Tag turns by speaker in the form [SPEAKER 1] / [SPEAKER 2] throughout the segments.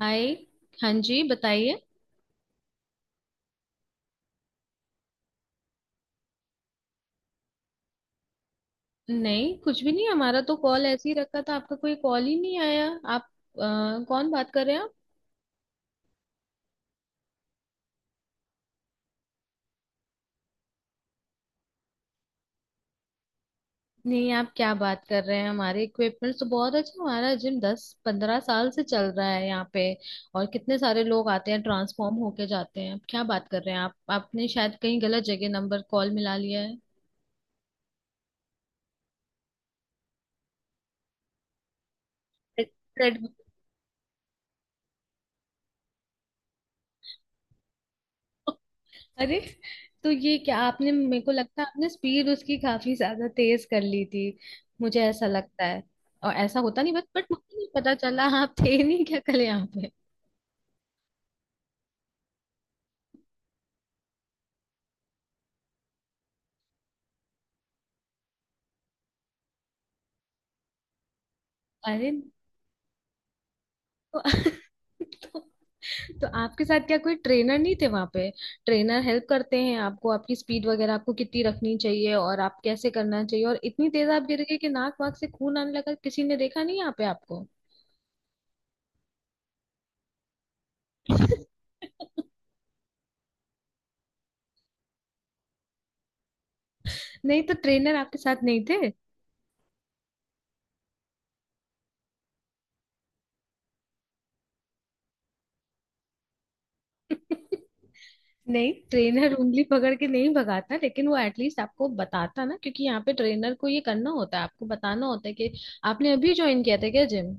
[SPEAKER 1] हाय। हाँ जी बताइए। नहीं कुछ भी नहीं, हमारा तो कॉल ऐसे ही रखा था, आपका कोई कॉल ही नहीं आया। आप कौन बात कर रहे हैं आप? नहीं, आप क्या बात कर रहे हैं, हमारे इक्विपमेंट्स तो बहुत अच्छे हैं। हमारा जिम 10 15 साल से चल रहा है यहाँ पे। और कितने सारे लोग आते हैं, ट्रांसफॉर्म होके जाते हैं, आप क्या बात कर रहे हैं आप? आपने शायद कहीं गलत जगह नंबर कॉल मिला लिया है। Red- red- अरे, तो ये क्या, आपने मेरे को लगता है आपने स्पीड उसकी काफी ज्यादा तेज कर ली थी, मुझे ऐसा लगता है। और ऐसा होता नहीं, बट मुझे नहीं पता चला, आप थे नहीं क्या कल यहाँ पे? अरे। तो, तो, आपके साथ क्या कोई ट्रेनर नहीं थे वहां पे? ट्रेनर हेल्प करते हैं आपको, आपकी स्पीड वगैरह आपको कितनी रखनी चाहिए और आप कैसे करना चाहिए, और इतनी तेज आप गिर गए कि नाक वाक से खून आने लगा, किसी ने देखा नहीं यहाँ पे आपको? नहीं तो ट्रेनर आपके साथ नहीं थे? नहीं, ट्रेनर उंगली पकड़ के नहीं भगाता, लेकिन वो एटलीस्ट आपको बताता ना, क्योंकि यहाँ पे ट्रेनर को ये करना होता है, आपको बताना होता है कि आपने अभी ज्वाइन किया था क्या जिम?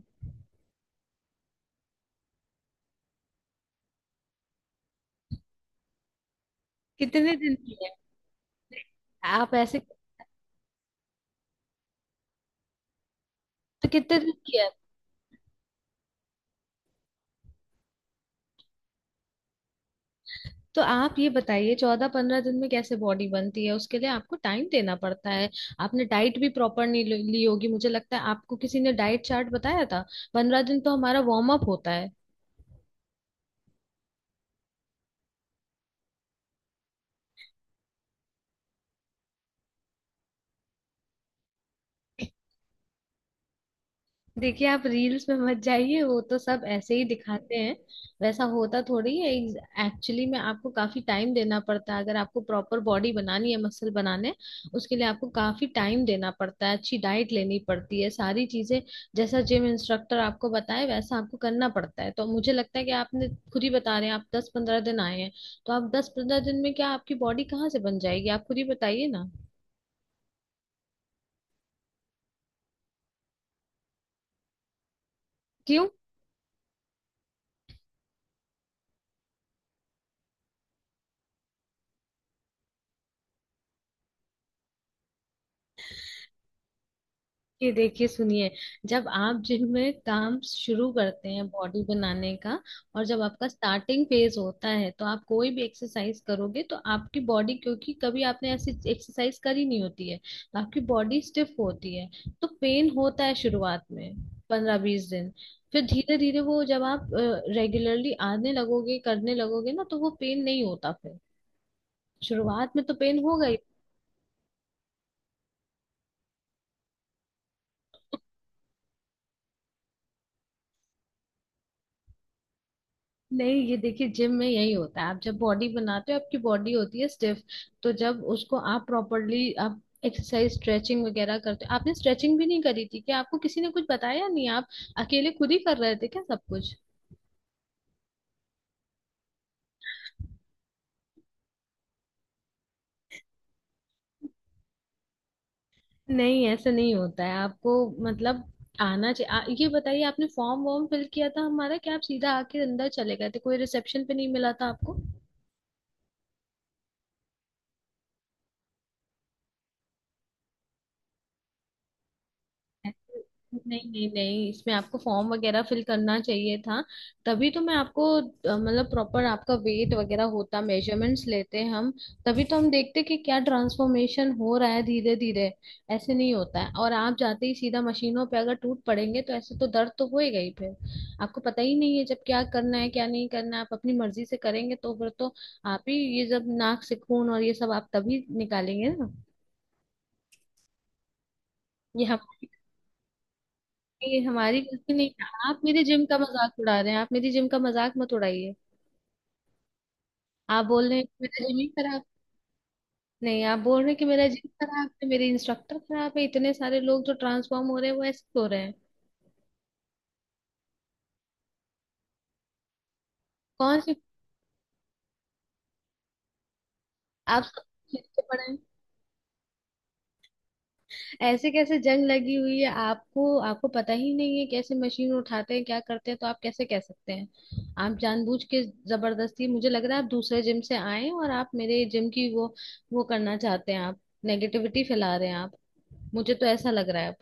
[SPEAKER 1] कितने दिन किया है? आप ऐसे। तो कितने दिन किया है? तो आप ये बताइए, 14 15 दिन में कैसे बॉडी बनती है, उसके लिए आपको टाइम देना पड़ता है। आपने डाइट भी प्रॉपर नहीं ली ली होगी, मुझे लगता है, आपको किसी ने डाइट चार्ट बताया था। 15 दिन तो हमारा वार्म अप होता है। देखिए आप रील्स में मत जाइए, वो तो सब ऐसे ही दिखाते हैं, वैसा होता थोड़ी है। एक्चुअली में आपको काफी टाइम देना पड़ता है, अगर आपको प्रॉपर बॉडी बनानी है, मसल बनाने उसके लिए आपको काफी टाइम देना पड़ता है, अच्छी डाइट लेनी पड़ती है, सारी चीजें। जैसा जिम इंस्ट्रक्टर आपको बताए वैसा आपको करना पड़ता है, तो मुझे लगता है कि आपने खुद ही बता रहे हैं आप 10 15 दिन आए हैं। तो आप 10 15 दिन में क्या आपकी बॉडी कहाँ से बन जाएगी, आप खुद ही बताइए ना। क्यों? ये देखिए, सुनिए, जब आप जिम में काम शुरू करते हैं बॉडी बनाने का, और जब आपका स्टार्टिंग फेज होता है, तो आप कोई भी एक्सरसाइज करोगे तो आपकी बॉडी, क्योंकि कभी आपने ऐसी एक्सरसाइज करी नहीं होती है, तो आपकी बॉडी स्टिफ होती है, तो पेन होता है शुरुआत में, 15 20 दिन। फिर धीरे धीरे वो, जब आप रेगुलरली आने लगोगे, करने लगोगे ना, तो वो पेन नहीं होता फिर। शुरुआत में तो पेन होगा। नहीं, ये देखिए, जिम में यही होता है, आप जब बॉडी बनाते हो आपकी बॉडी होती है स्टिफ, तो जब उसको आप प्रॉपरली आप एक्सरसाइज स्ट्रेचिंग वगैरह करते हो, आपने स्ट्रेचिंग भी नहीं करी थी क्या? आपको किसी ने कुछ बताया नहीं, आप अकेले खुद ही कर रहे थे क्या सब कुछ? नहीं, ऐसा नहीं होता है, आपको मतलब आना चाहिए। ये बताइए, आपने फॉर्म वॉर्म फिल किया था हमारा क्या, आप सीधा आके अंदर चले गए थे? कोई रिसेप्शन पे नहीं मिला था आपको? नहीं नहीं नहीं, इसमें आपको फॉर्म वगैरह फिल करना चाहिए था। तभी तो मैं आपको मतलब प्रॉपर आपका वेट वगैरह होता, मेजरमेंट्स लेते हैं हम। तभी तो हम देखते कि क्या ट्रांसफॉर्मेशन हो रहा है धीरे धीरे। ऐसे नहीं होता है, और आप जाते ही सीधा मशीनों पे अगर टूट पड़ेंगे, तो ऐसे तो दर्द तो होएगा ही फिर। आपको पता ही नहीं है जब क्या करना है क्या नहीं करना है, आप अपनी मर्जी से करेंगे तो फिर तो आप ही, ये जब नाक से खून और ये सब आप तभी निकालेंगे ना। ये आप, ये हमारी गलती नहीं है, आप मेरे जिम का मजाक उड़ा रहे हैं, आप मेरी जिम का मजाक मत उड़ाइए। आप बोल रहे हैं कि मेरा जिम ही खराब। नहीं, आप बोल रहे हैं कि मेरा जिम खराब है, मेरे इंस्ट्रक्टर खराब है, इतने सारे लोग जो ट्रांसफॉर्म हो रहे हैं वो ऐसे हो रहे हैं। कौन से? आप सब पीछे पड़े हैं। ऐसे कैसे जंग लगी हुई है आपको? आपको पता ही नहीं है कैसे मशीन उठाते हैं क्या करते हैं, तो आप कैसे कह सकते हैं? आप जानबूझ के जबरदस्ती, मुझे लग रहा है आप दूसरे जिम से आए हैं और आप मेरे जिम की वो करना चाहते हैं, आप नेगेटिविटी फैला रहे हैं आप, मुझे तो ऐसा लग रहा है।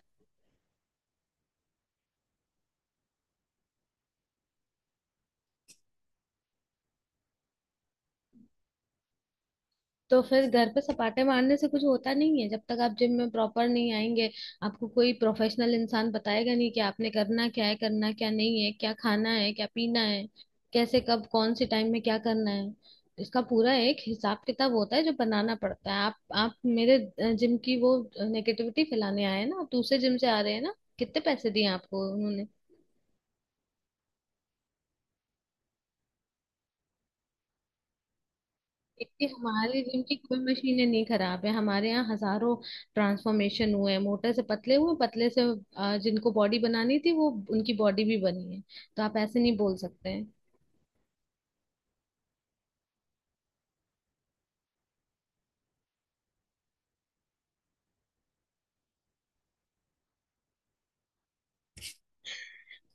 [SPEAKER 1] तो फिर घर पे सपाटे मारने से कुछ होता नहीं है जब तक आप जिम में प्रॉपर नहीं आएंगे। आपको कोई प्रोफेशनल इंसान बताएगा नहीं कि आपने करना क्या है, करना क्या नहीं है, क्या खाना है, क्या पीना है, कैसे कब कौन से टाइम में क्या करना है, इसका पूरा एक हिसाब किताब होता है जो बनाना पड़ता है। आप मेरे जिम की वो नेगेटिविटी फैलाने आए हैं ना, आप दूसरे जिम से आ रहे हैं ना? कितने पैसे दिए आपको उन्होंने? देखिए, हमारे जिम की कोई मशीनें नहीं खराब है, हमारे यहाँ हजारों ट्रांसफॉर्मेशन हुए हैं, मोटे से पतले हुए, पतले से जिनको बॉडी बनानी थी वो उनकी बॉडी भी बनी है। तो आप ऐसे नहीं बोल सकते हैं।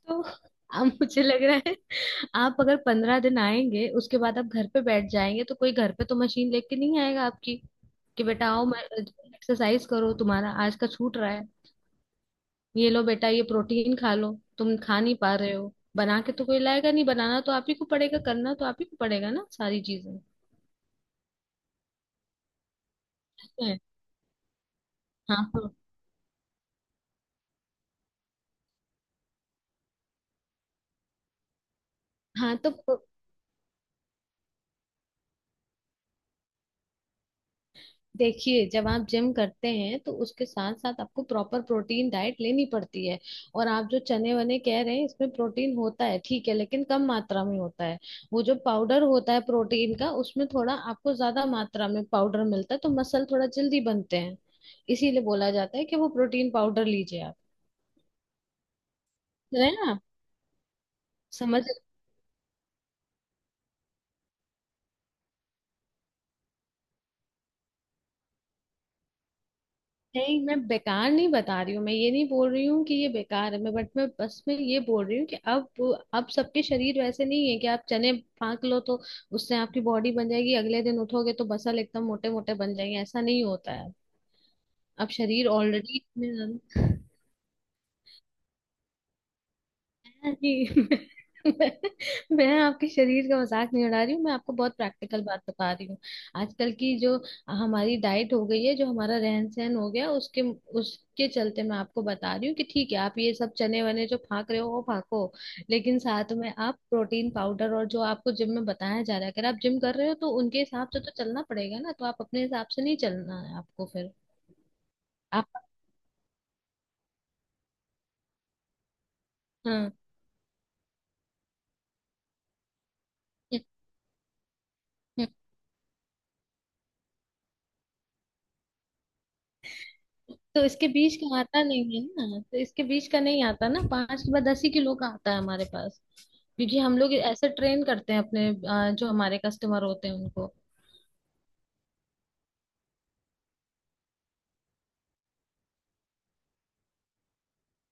[SPEAKER 1] तो अब मुझे लग रहा है, आप अगर 15 दिन आएंगे उसके बाद आप घर पे बैठ जाएंगे, तो कोई घर पे तो मशीन लेके नहीं आएगा आपकी कि बेटा आओ मैं एक्सरसाइज करो, तुम्हारा आज का छूट रहा है, ये लो बेटा ये प्रोटीन खा लो, तुम खा नहीं पा रहे हो बना के तो कोई लाएगा नहीं, बनाना तो आप ही को पड़ेगा, करना तो आप ही को पड़ेगा ना सारी चीजें। है। हाँ तो हाँ तो प्रो- देखिए, जब आप जिम करते हैं तो उसके साथ साथ आपको प्रॉपर प्रोटीन डाइट लेनी पड़ती है। और आप जो चने वने कह रहे हैं, इसमें प्रोटीन होता है ठीक है, लेकिन कम मात्रा में होता है। वो जो पाउडर होता है प्रोटीन का, उसमें थोड़ा आपको ज्यादा मात्रा में पाउडर मिलता है तो मसल थोड़ा जल्दी बनते हैं, इसीलिए बोला जाता है कि वो प्रोटीन पाउडर लीजिए आप। है ना? समझ। नहीं, मैं बेकार नहीं बता रही हूँ, मैं ये नहीं बोल रही हूँ कि ये बेकार है, मैं बट मैं बस मैं ये बोल रही हूँ कि अब सबके शरीर वैसे नहीं है कि आप चने फाँक लो तो उससे आपकी बॉडी बन जाएगी, अगले दिन उठोगे तो बसल एकदम मोटे मोटे बन जाएंगे, ऐसा नहीं होता है। अब शरीर ऑलरेडी। जी। मैं, मैं आपके शरीर का मजाक नहीं उड़ा रही हूँ, मैं आपको बहुत प्रैक्टिकल बात बता रही हूँ। आजकल की जो हमारी डाइट हो गई है, जो हमारा रहन सहन हो गया, उसके उसके चलते मैं आपको बता रही हूँ कि ठीक है आप ये सब चने वने जो फाक रहे हो वो फाको, लेकिन साथ में आप प्रोटीन पाउडर, और जो आपको जिम में बताया जा रहा है अगर आप जिम कर रहे हो, तो उनके हिसाब से तो चलना पड़ेगा ना, तो आप अपने हिसाब से नहीं चलना है आपको फिर। आप। हाँ तो इसके बीच का आता नहीं है ना, तो इसके बीच का नहीं आता ना, 5 के बाद 10 ही किलो का आता है हमारे पास, क्योंकि हम लोग ऐसे ट्रेन करते हैं अपने जो हमारे कस्टमर होते हैं उनको।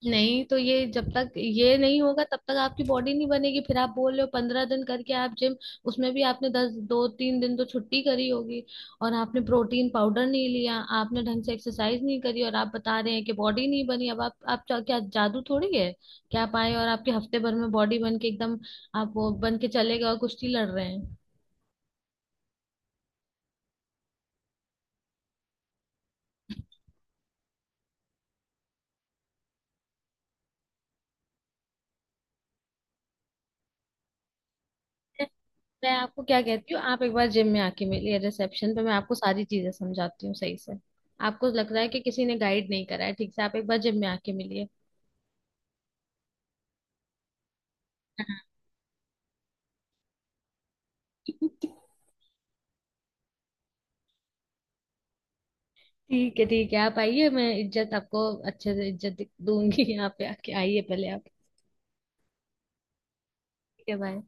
[SPEAKER 1] नहीं, तो ये जब तक ये नहीं होगा तब तक आपकी बॉडी नहीं बनेगी, फिर आप बोल रहे हो पंद्रह दिन करके आप जिम, उसमें भी आपने दस दो तीन दिन तो छुट्टी करी होगी, और आपने प्रोटीन पाउडर नहीं लिया, आपने ढंग से एक्सरसाइज नहीं करी, और आप बता रहे हैं कि बॉडी नहीं बनी। अब आप क्या क्या जादू थोड़ी है, क्या आप आए और आपके हफ्ते भर में बॉडी बन के एकदम आप वो बन के चले गए और कुश्ती लड़ रहे हैं। मैं आपको क्या कहती हूँ, आप एक बार जिम में आके मिलिए रिसेप्शन पे, मैं आपको सारी चीजें समझाती हूँ सही से। आपको लग रहा है कि किसी ने गाइड नहीं करा है ठीक से, आप एक बार जिम में आके मिलिए। हाँ। ठीक है ठीक है, आप आइए, मैं इज्जत आपको अच्छे से इज्जत दूंगी यहाँ पे आके, आइए पहले आप। ठीक है, बाय।